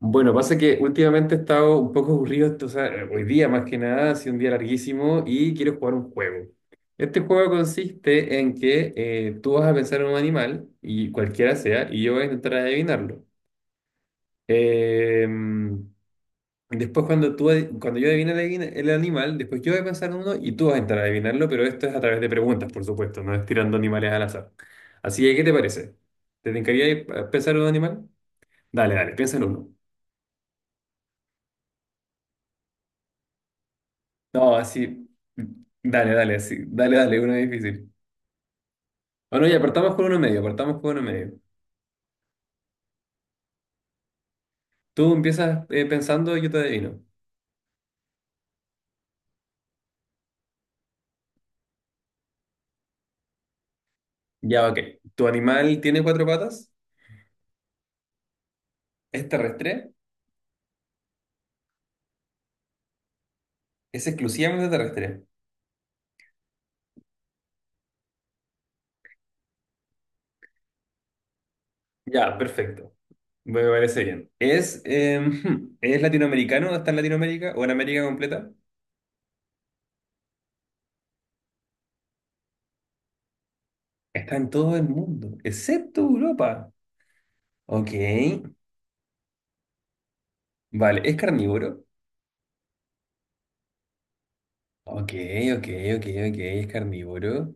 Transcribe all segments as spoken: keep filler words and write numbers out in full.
Bueno, pasa que últimamente he estado un poco aburrido, o sea, hoy día más que nada, ha sido un día larguísimo y quiero jugar un juego. Este juego consiste en que eh, tú vas a pensar en un animal, y cualquiera sea, y yo voy a intentar adivinarlo. Eh, Después cuando tú, adi- cuando yo adivine el, adivina- el animal, después yo voy a pensar en uno y tú vas a intentar adivinarlo, pero esto es a través de preguntas, por supuesto, no es tirando animales al azar. Así que, ¿qué te parece? ¿Te encantaría pensar en un animal? Dale, dale, piensa en uno. No, así. Dale, dale, así. Dale, dale, uno difícil. Bueno, ya, partamos con uno medio, partamos con uno medio. Tú empiezas eh, pensando y yo te adivino. Ya, ok. ¿Tu animal tiene cuatro patas? ¿Es terrestre? ¿Es exclusivamente terrestre? Ya, perfecto. Me parece bien. ¿Es, eh, hmm, ¿es latinoamericano? ¿Está en Latinoamérica o en América completa? Está en todo el mundo, excepto Europa. Ok. Vale, ¿es carnívoro? Ok, ok, ok, ok, es carnívoro.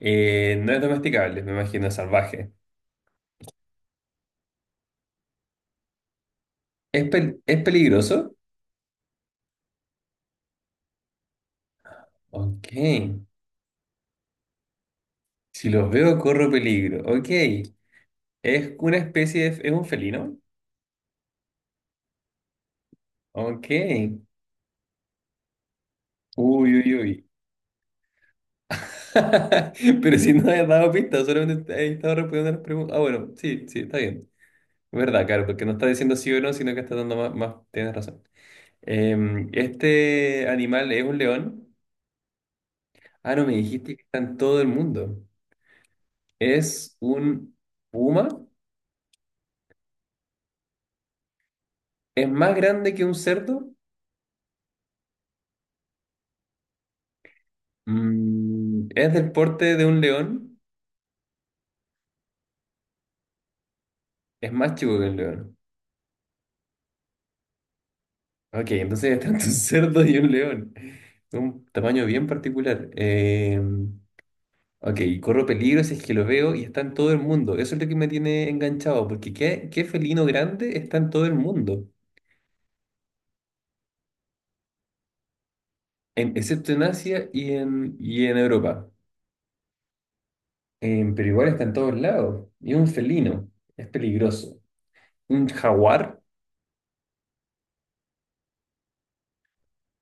Eh, no es domesticable, me imagino, salvaje. ¿Es, pel- es peligroso? Ok. Si los veo, corro peligro. Ok. ¿Es una especie de... ¿Es un felino? Ok. Uy, uy, uy. Pero si no has dado pistas, solamente he estado respondiendo las preguntas. Ah, bueno, sí, sí, está bien. Es verdad, claro, porque no está diciendo sí o no, sino que está dando más... más... Tienes razón. Em, ¿este animal es un león? Ah, no, me dijiste que está en todo el mundo. ¿Es un puma? ¿Es más grande que un cerdo? Mm, ¿es del porte de un león? Es más chico que un león. Ok, entonces es tanto un cerdo y un león. Un tamaño bien particular. Eh, ok, corro peligro si es que lo veo y está en todo el mundo. Eso es lo que me tiene enganchado, porque ¿qué, ¿qué felino grande está en todo el mundo? En- excepto en Asia y en, y en Europa. Eh, pero igual está en todos lados. Y es un felino. Es peligroso. ¿Un jaguar?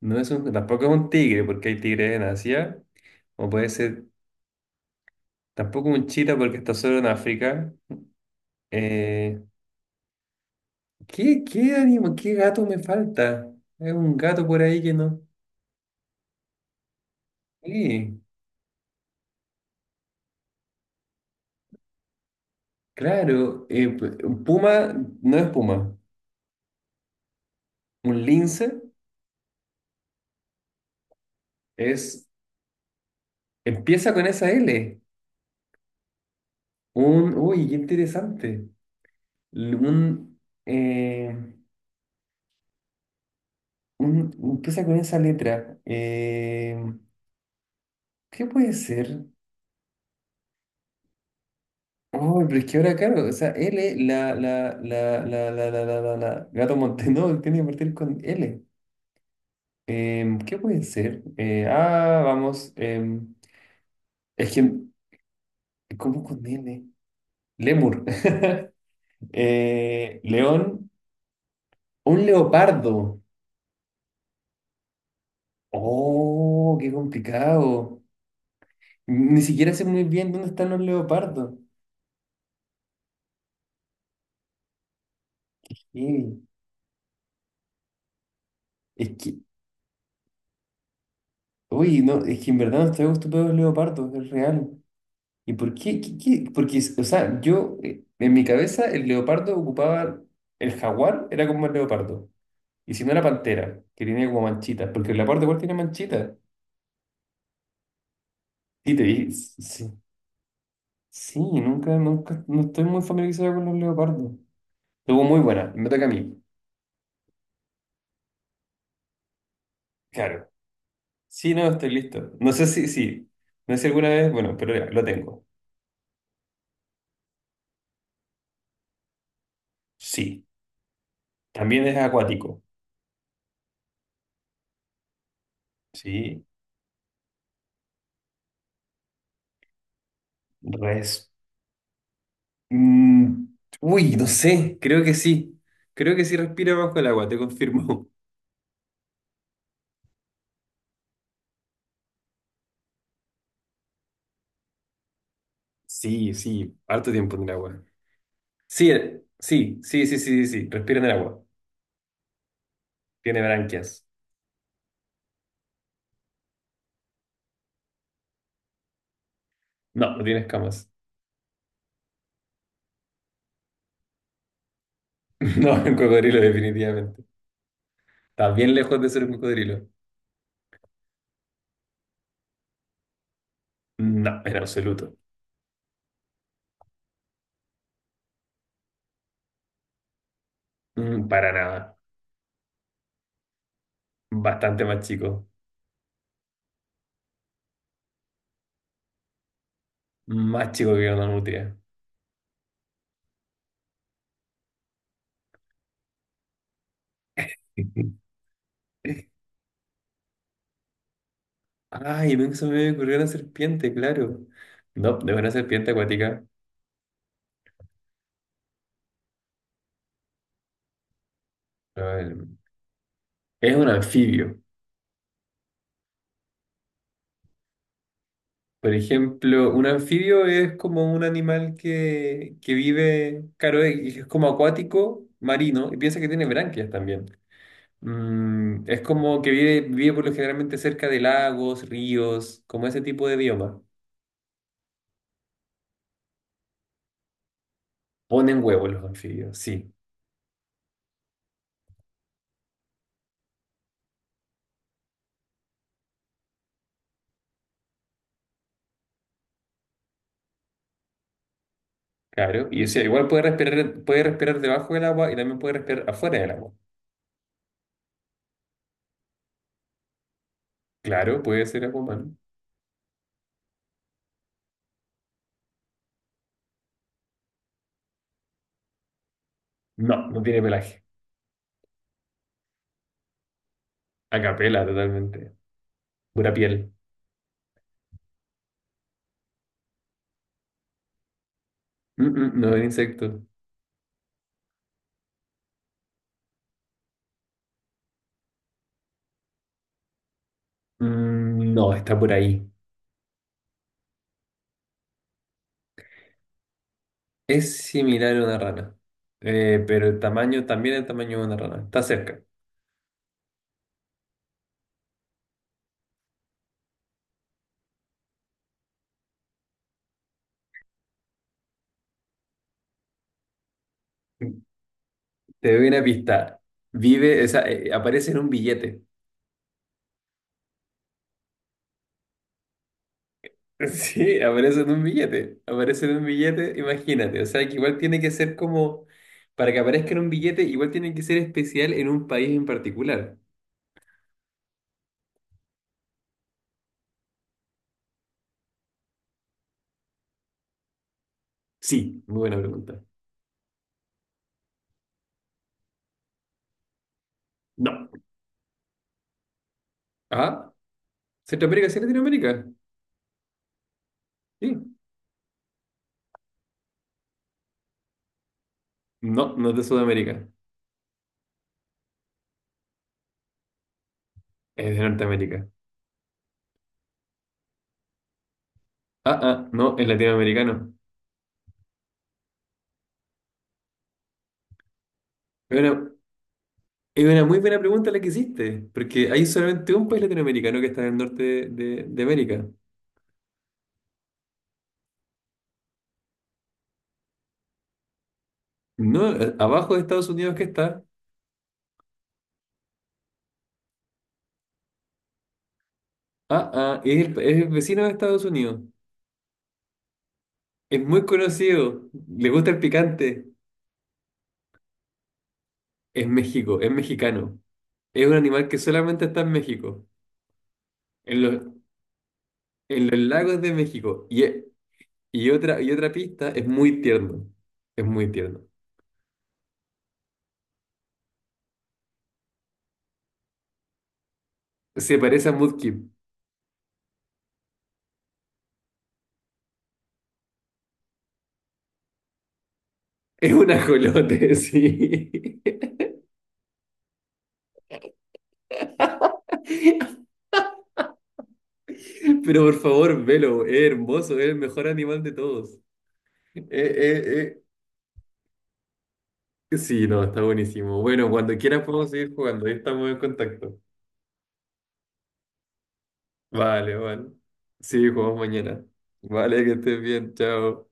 No es un, tampoco es un tigre, porque hay tigres en Asia, o puede ser tampoco un chita porque está solo en África. Eh, ¿Qué, qué ánimo, qué gato me falta? Es un gato por ahí que no. Sí, claro, eh, p- un puma no es puma, un lince es, empieza con esa L. Un, uy, qué interesante. L- Un, eh, un- empieza con esa letra. Eh, ¿qué puede ser? Oh, pero es que ahora, claro, o sea, L, la, la, la, la, la, la, la, la, la- Gato Montenegro tiene que partir con L. Em, ¿qué puede ser? Eh, ah, vamos, em, es que, ¿cómo con L? Lemur. Eh, león, un leopardo. Oh, qué complicado. Ni siquiera sé muy bien dónde están los leopardos. Eh, Es que, uy, no, es que en verdad no estoy acostumbrado a los leopardos, es real. ¿Y por qué? qué- ¿qué? Porque, o sea, yo, eh, en mi cabeza, el leopardo ocupaba, el jaguar era como el leopardo. Y si no era pantera, que tenía como manchitas, porque el leopardo igual tiene manchitas. Sí, te di- sí, sí, nunca, nunca, no estoy muy familiarizado con los leopardos. Estuvo muy buena, me toca a mí. Claro. Sí, no, estoy listo. No sé si, sí, no sé si alguna vez, bueno, pero ya, lo tengo. Sí, también es acuático. Sí, res. Mm, uy, no sé, creo que sí. Creo que sí respira bajo el agua, te confirmo. Sí, sí, harto tiempo en el agua. Sí, eh, sí, sí, sí, sí, sí, sí, respira en el agua. Tiene branquias. No, no tiene escamas. No, es un cocodrilo definitivamente. Está bien lejos de ser un cocodrilo. No, en absoluto. Mm, para nada. Bastante más chico. Más chico que una nutria. Ay, me- se me ocurrió una serpiente, claro. No, de una serpiente acuática. Es un anfibio. Por ejemplo, un anfibio es como un animal que, que vive, claro, y es como acuático, marino, y piensa que tiene branquias también. Mm, es como que vive, vive por lo generalmente cerca de lagos, ríos, como ese tipo de bioma. Ponen huevos los anfibios, sí, claro. Y o sea, igual puede respirar, puede respirar debajo del agua y también puede respirar afuera del agua. Claro, puede ser acuamano. No, no tiene pelaje. Acapela totalmente. Pura piel. Mm, mm, no es insecto. Mm, no, está por ahí. Es similar a una rana, eh, pero el tamaño también es el tamaño de una rana. Está cerca. Te doy una pista. Vive, o sea, eh, aparece en un billete. Sí, aparece en un billete. Aparece en un billete, imagínate. O sea, que igual tiene que ser como, para que aparezca en un billete, igual tiene que ser especial en un país en particular. Sí, muy buena pregunta. No. Ah, Centroamérica, sí, Latinoamérica. Sí. No, no es de Sudamérica. Es de Norteamérica. Ah, ah, no, es latinoamericano. Es una, es una muy buena pregunta la que hiciste, porque hay solamente un país latinoamericano que está en el norte de, de- de América. No, eh, abajo de Estados Unidos que está. Ah, ah, es el, es el vecino de Estados Unidos. Es muy conocido, le gusta el picante. Es México, es mexicano. Es un animal que solamente está en México, en los, en los lagos de México. Y, e- y, otra, y otra pista, es muy tierno. Es muy tierno. Se parece a Mudkip. Es un ajolote, sí. Pero por favor, velo, es hermoso, es el mejor animal de todos. Eh, eh, eh, Sí, no, está buenísimo. Bueno, cuando quieras podemos seguir jugando, ahí estamos en contacto. Vale, vale. Sí, jugamos mañana. Vale, que estés bien, chao.